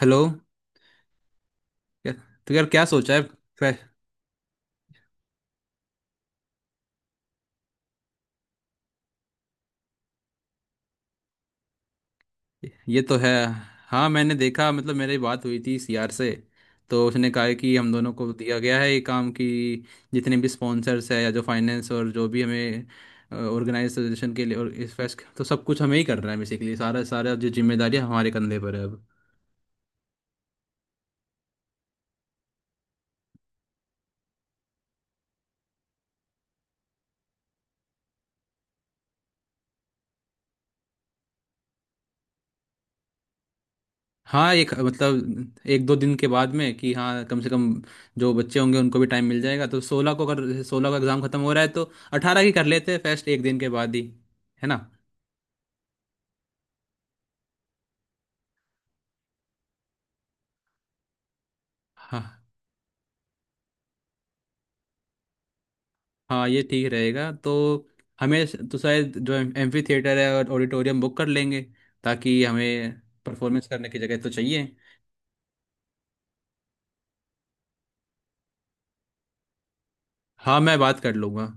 Hello. क्या- तो यार क्या सोचा है? फै- ये तो है। हाँ मैंने देखा, मतलब मेरी बात हुई थी सीआर से। तो उसने कहा है कि हम दोनों को दिया गया है ये काम कि जितने भी स्पॉन्सर्स है या जो फाइनेंस और जो भी हमें ऑर्गेनाइजेशन के लिए और इस फेस्ट, तो सब कुछ हमें ही करना है। बेसिकली सारा सारा जो जिम्मेदारी हमारे कंधे पर है अब। हाँ, एक, मतलब एक दो दिन के बाद में कि हाँ, कम से कम जो बच्चे होंगे उनको भी टाइम मिल जाएगा। तो 16 को, अगर 16 का एग्ज़ाम खत्म हो रहा है, तो 18 की कर लेते हैं फेस्ट, एक दिन के बाद ही। है ना? हाँ हाँ, ये ठीक रहेगा। तो हमें, तो शायद जो एम्फी थिएटर है और ऑडिटोरियम बुक कर लेंगे, ताकि हमें परफॉर्मेंस करने की जगह तो चाहिए। हाँ, मैं बात कर लूँगा।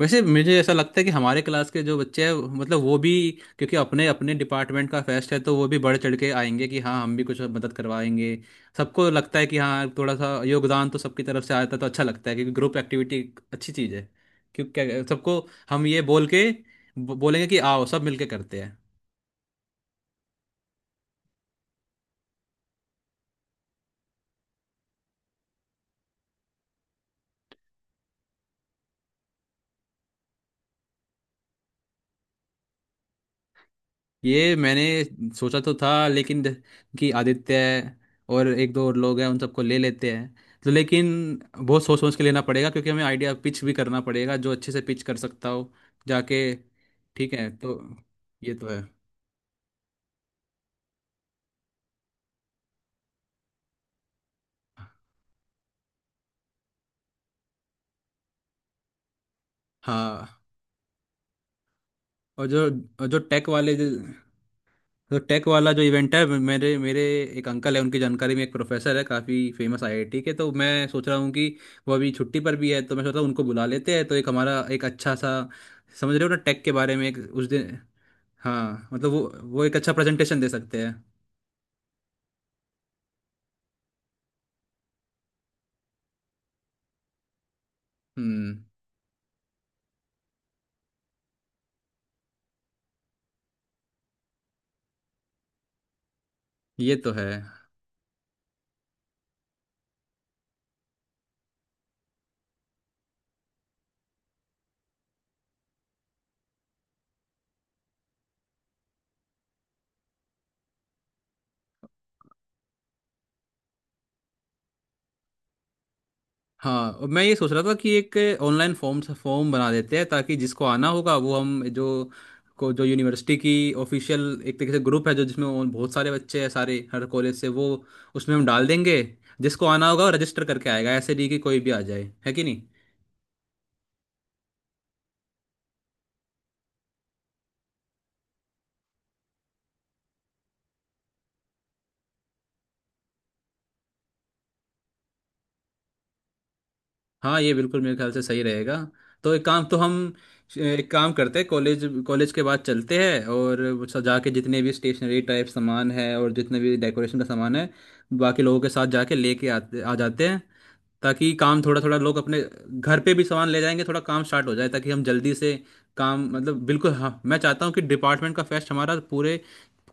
वैसे मुझे ऐसा लगता है कि हमारे क्लास के जो बच्चे हैं, मतलब वो भी, क्योंकि अपने अपने डिपार्टमेंट का फेस्ट है, तो वो भी बढ़ चढ़ के आएंगे कि हाँ हम भी कुछ मदद करवाएंगे। सबको लगता है कि हाँ, थोड़ा सा योगदान तो सबकी तरफ से आता है, तो अच्छा लगता है, क्योंकि ग्रुप एक्टिविटी एक अच्छी चीज़ है। क्योंकि क्या सबको, हम ये बोल के बोलेंगे कि आओ सब मिलके करते हैं। ये मैंने सोचा तो था, लेकिन कि आदित्य है, और एक दो और लोग हैं, उन सबको ले लेते हैं। तो लेकिन बहुत सोच सोच के लेना पड़ेगा, क्योंकि हमें आइडिया पिच भी करना पड़ेगा, जो अच्छे से पिच कर सकता हो जाके। ठीक है तो। ये तो है। हाँ। और जो, और जो टेक वाले जो- तो टेक वाला जो इवेंट है, मेरे मेरे एक अंकल है, उनकी जानकारी में एक प्रोफेसर है, काफ़ी फेमस आईआईटी के। तो मैं सोच रहा हूँ कि वो अभी छुट्टी पर भी है, तो मैं सोच रहा हूँ उनको बुला लेते हैं, तो एक हमारा एक अच्छा सा, समझ रहे हो ना, टेक के बारे में एक उस दिन। हाँ, मतलब वो एक अच्छा प्रेजेंटेशन दे सकते हैं। हम्म। ये तो है। हाँ, और मैं ये सोच रहा था कि एक ऑनलाइन फॉर्म फॉर्म बना देते हैं, ताकि जिसको आना होगा वो, हम जो, को जो यूनिवर्सिटी की ऑफिशियल एक तरीके से ग्रुप है, जो जिसमें और बहुत सारे बच्चे हैं, सारे हर कॉलेज से, वो उसमें हम डाल देंगे। जिसको आना होगा वो रजिस्टर करके आएगा, ऐसे नहीं कि कोई भी आ जाए, है कि नहीं? हाँ, ये बिल्कुल मेरे ख्याल से सही रहेगा। तो एक काम तो हम, एक काम करते हैं, कॉलेज कॉलेज के बाद चलते हैं और सजा के जितने भी स्टेशनरी टाइप सामान है और जितने भी डेकोरेशन का सामान है, बाकी लोगों के साथ जाके लेके आते आ जाते हैं, ताकि काम थोड़ा थोड़ा लोग अपने घर पे भी सामान ले जाएंगे, थोड़ा काम स्टार्ट हो जाए, ताकि हम जल्दी से काम, मतलब बिल्कुल, हाँ मैं चाहता हूँ कि डिपार्टमेंट का फेस्ट हमारा पूरे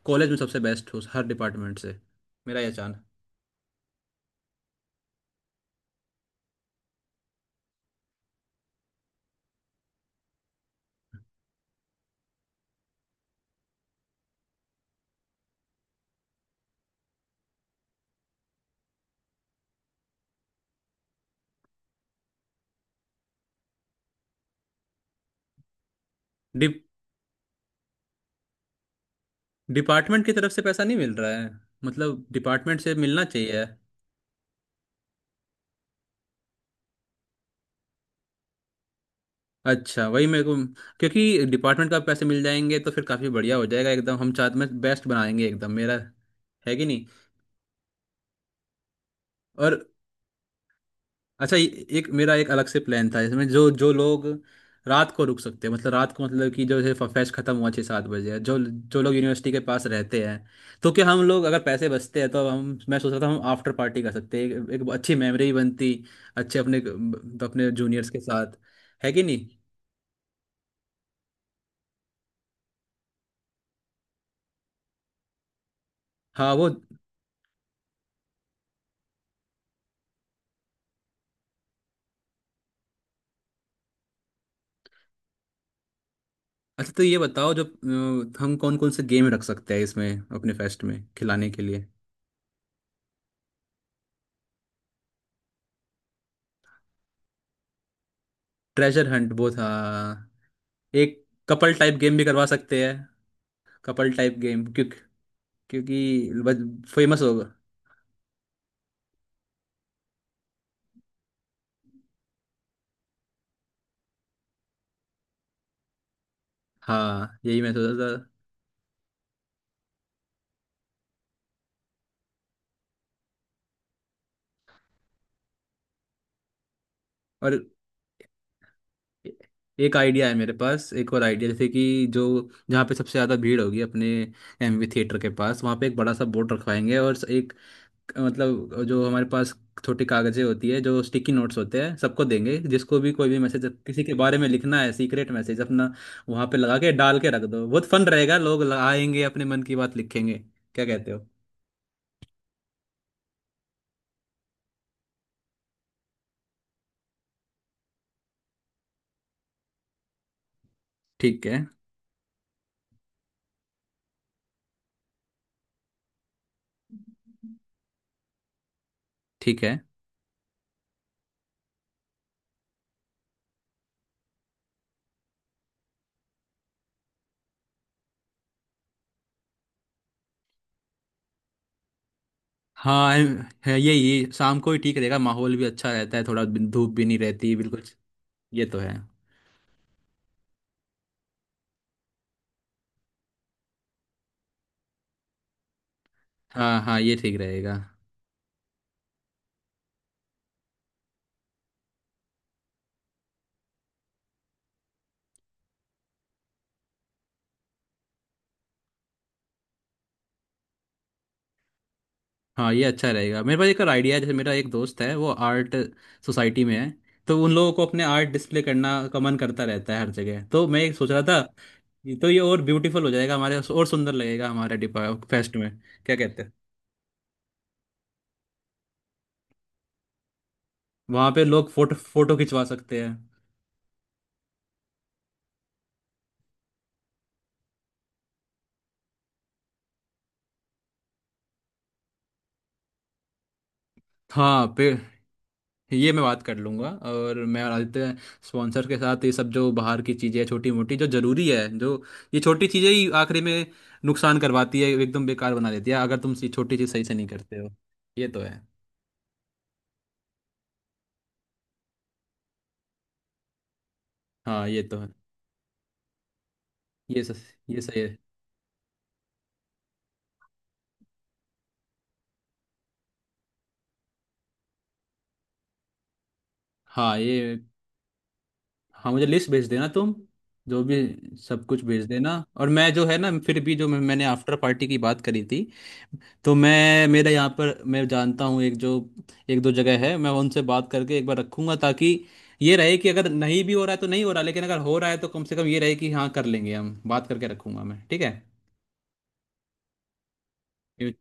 कॉलेज में सबसे बेस्ट हो, हर डिपार्टमेंट से। मेरा ये चाहना। डि, डिपार्टमेंट की तरफ से पैसा नहीं मिल रहा है? मतलब डिपार्टमेंट से मिलना चाहिए। अच्छा, वही मेरे को, क्योंकि डिपार्टमेंट का पैसे मिल जाएंगे तो फिर काफ़ी बढ़िया हो जाएगा एकदम, हम चाहते में बेस्ट बनाएंगे एकदम, मेरा, है कि नहीं? और अच्छा, एक मेरा एक अलग से प्लान था इसमें, जो जो लोग रात को रुक सकते हैं, मतलब रात को, मतलब कि जो, जैसे फेस्ट खत्म हुआ 6-7 बजे, जो जो लोग यूनिवर्सिटी के पास रहते हैं, तो क्या हम लोग, अगर पैसे बचते हैं तो हम, मैं सोच रहा था हम आफ्टर पार्टी कर सकते हैं, एक अच्छी मेमोरी बनती अच्छे, अपने तो अपने जूनियर्स के साथ, है कि नहीं? हाँ वो। अच्छा, तो ये बताओ जो हम कौन कौन से गेम रख सकते हैं इसमें, अपने फेस्ट में खिलाने के लिए? ट्रेजर हंट वो था। एक कपल टाइप गेम भी करवा सकते हैं। कपल टाइप गेम क्यों? क्योंकि फेमस होगा। हाँ, यही मैं सोचा था। और ए- एक आइडिया है मेरे पास, एक और आइडिया, जैसे कि जो जहाँ पे सबसे ज़्यादा भीड़ होगी अपने एमवी थिएटर के पास, वहाँ पे एक बड़ा सा बोर्ड रखवाएंगे और एक, मतलब जो हमारे पास छोटी कागज़ें होती है, जो स्टिकी नोट्स होते हैं, सबको देंगे। जिसको भी कोई भी मैसेज किसी के बारे में लिखना है, सीक्रेट मैसेज अपना वहाँ पे लगा के डाल के रख दो। बहुत फन रहेगा, लोग आएंगे अपने मन की बात लिखेंगे, क्या कहते हो? ठीक है, ठीक है। हाँ है, यही शाम को ही ठीक रहेगा, माहौल भी अच्छा रहता है, थोड़ा धूप भी नहीं रहती बिल्कुल। ये तो है। हाँ हाँ, ये ठीक रहेगा। हाँ ये अच्छा रहेगा, मेरे पास एक और आइडिया है। जैसे मेरा एक दोस्त है, वो आर्ट सोसाइटी में है, तो उन लोगों को अपने आर्ट डिस्प्ले करना का मन करता रहता है हर जगह, तो मैं एक सोच रहा था, ये तो ये और ब्यूटीफुल हो जाएगा हमारे, और सुंदर लगेगा हमारे डिपा फेस्ट में, क्या कहते हैं? वहाँ पे लोग फोटो फोटो खिंचवा सकते हैं। हाँ पे, ये मैं बात कर लूंगा। और मैं और आदित्य स्पॉन्सर के साथ ये सब जो बाहर की चीज़ें छोटी मोटी जो ज़रूरी है, जो, ये छोटी चीज़ें ही आखिरी में नुकसान करवाती है, एकदम बेकार बना देती है अगर तुम ये छोटी चीज़ सही से नहीं करते हो। ये तो है। हाँ ये तो है, ये सही, ये सही है। हाँ ये, हाँ मुझे लिस्ट भेज देना तुम, जो भी, सब कुछ भेज देना। और मैं जो है ना, फिर भी जो मैंने आफ्टर पार्टी की बात करी थी, तो मैं, मेरा यहाँ पर मैं जानता हूँ एक जो, एक दो जगह है, मैं उनसे बात करके एक बार रखूंगा। ताकि ये रहे कि अगर नहीं भी हो रहा है तो नहीं हो रहा, लेकिन अगर हो रहा है तो कम से कम ये रहे कि हाँ, कर लेंगे, हम बात करके रखूंगा मैं, ठीक है? क्यों-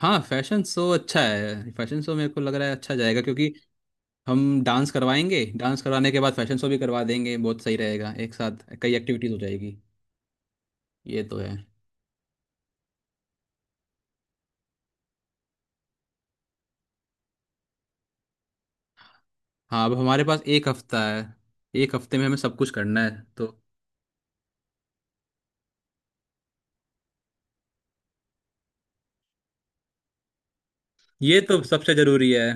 हाँ, फैशन शो अच्छा है, फैशन शो मेरे को लग रहा है अच्छा जाएगा, क्योंकि हम डांस करवाएंगे, डांस करवाने के बाद फैशन शो भी करवा देंगे, बहुत सही रहेगा, एक साथ कई एक्टिविटीज हो जाएगी। ये तो है। हाँ, अब हमारे पास एक हफ्ता है, एक हफ्ते में हमें सब कुछ करना है तो। ये तो सबसे जरूरी है।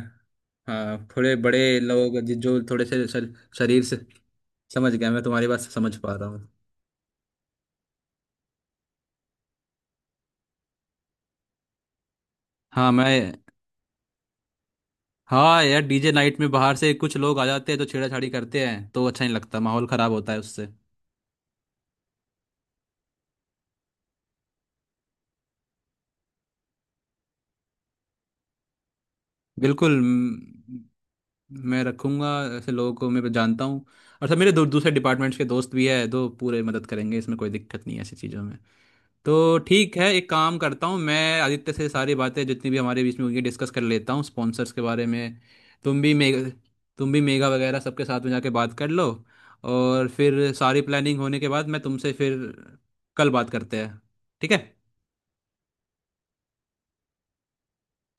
हाँ थोड़े बड़े लोग, जो थोड़े से शरीर से, समझ गया, मैं तुम्हारी बात समझ पा रहा हूँ। हाँ मैं, हाँ यार डीजे नाइट में बाहर से कुछ लोग आ जाते हैं तो छेड़ाछाड़ी करते हैं, तो अच्छा नहीं लगता, माहौल खराब होता है उससे। बिल्कुल, मैं रखूंगा। ऐसे लोगों को मैं जानता हूँ, और सब मेरे दूसरे डिपार्टमेंट्स के दोस्त भी है, तो पूरे मदद करेंगे, इसमें कोई दिक्कत नहीं है ऐसी चीज़ों में। तो ठीक है, एक काम करता हूँ, मैं आदित्य से सारी बातें जितनी भी हमारे बीच में होंगी डिस्कस कर लेता हूँ स्पॉन्सर्स के बारे में। तुम भी मेगा तुम भी मेगा वगैरह सबके साथ में जाके बात कर लो। और फिर सारी प्लानिंग होने के बाद मैं तुमसे फिर कल बात करते हैं। ठीक है?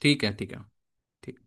ठीक है, ठीक है। ठीक।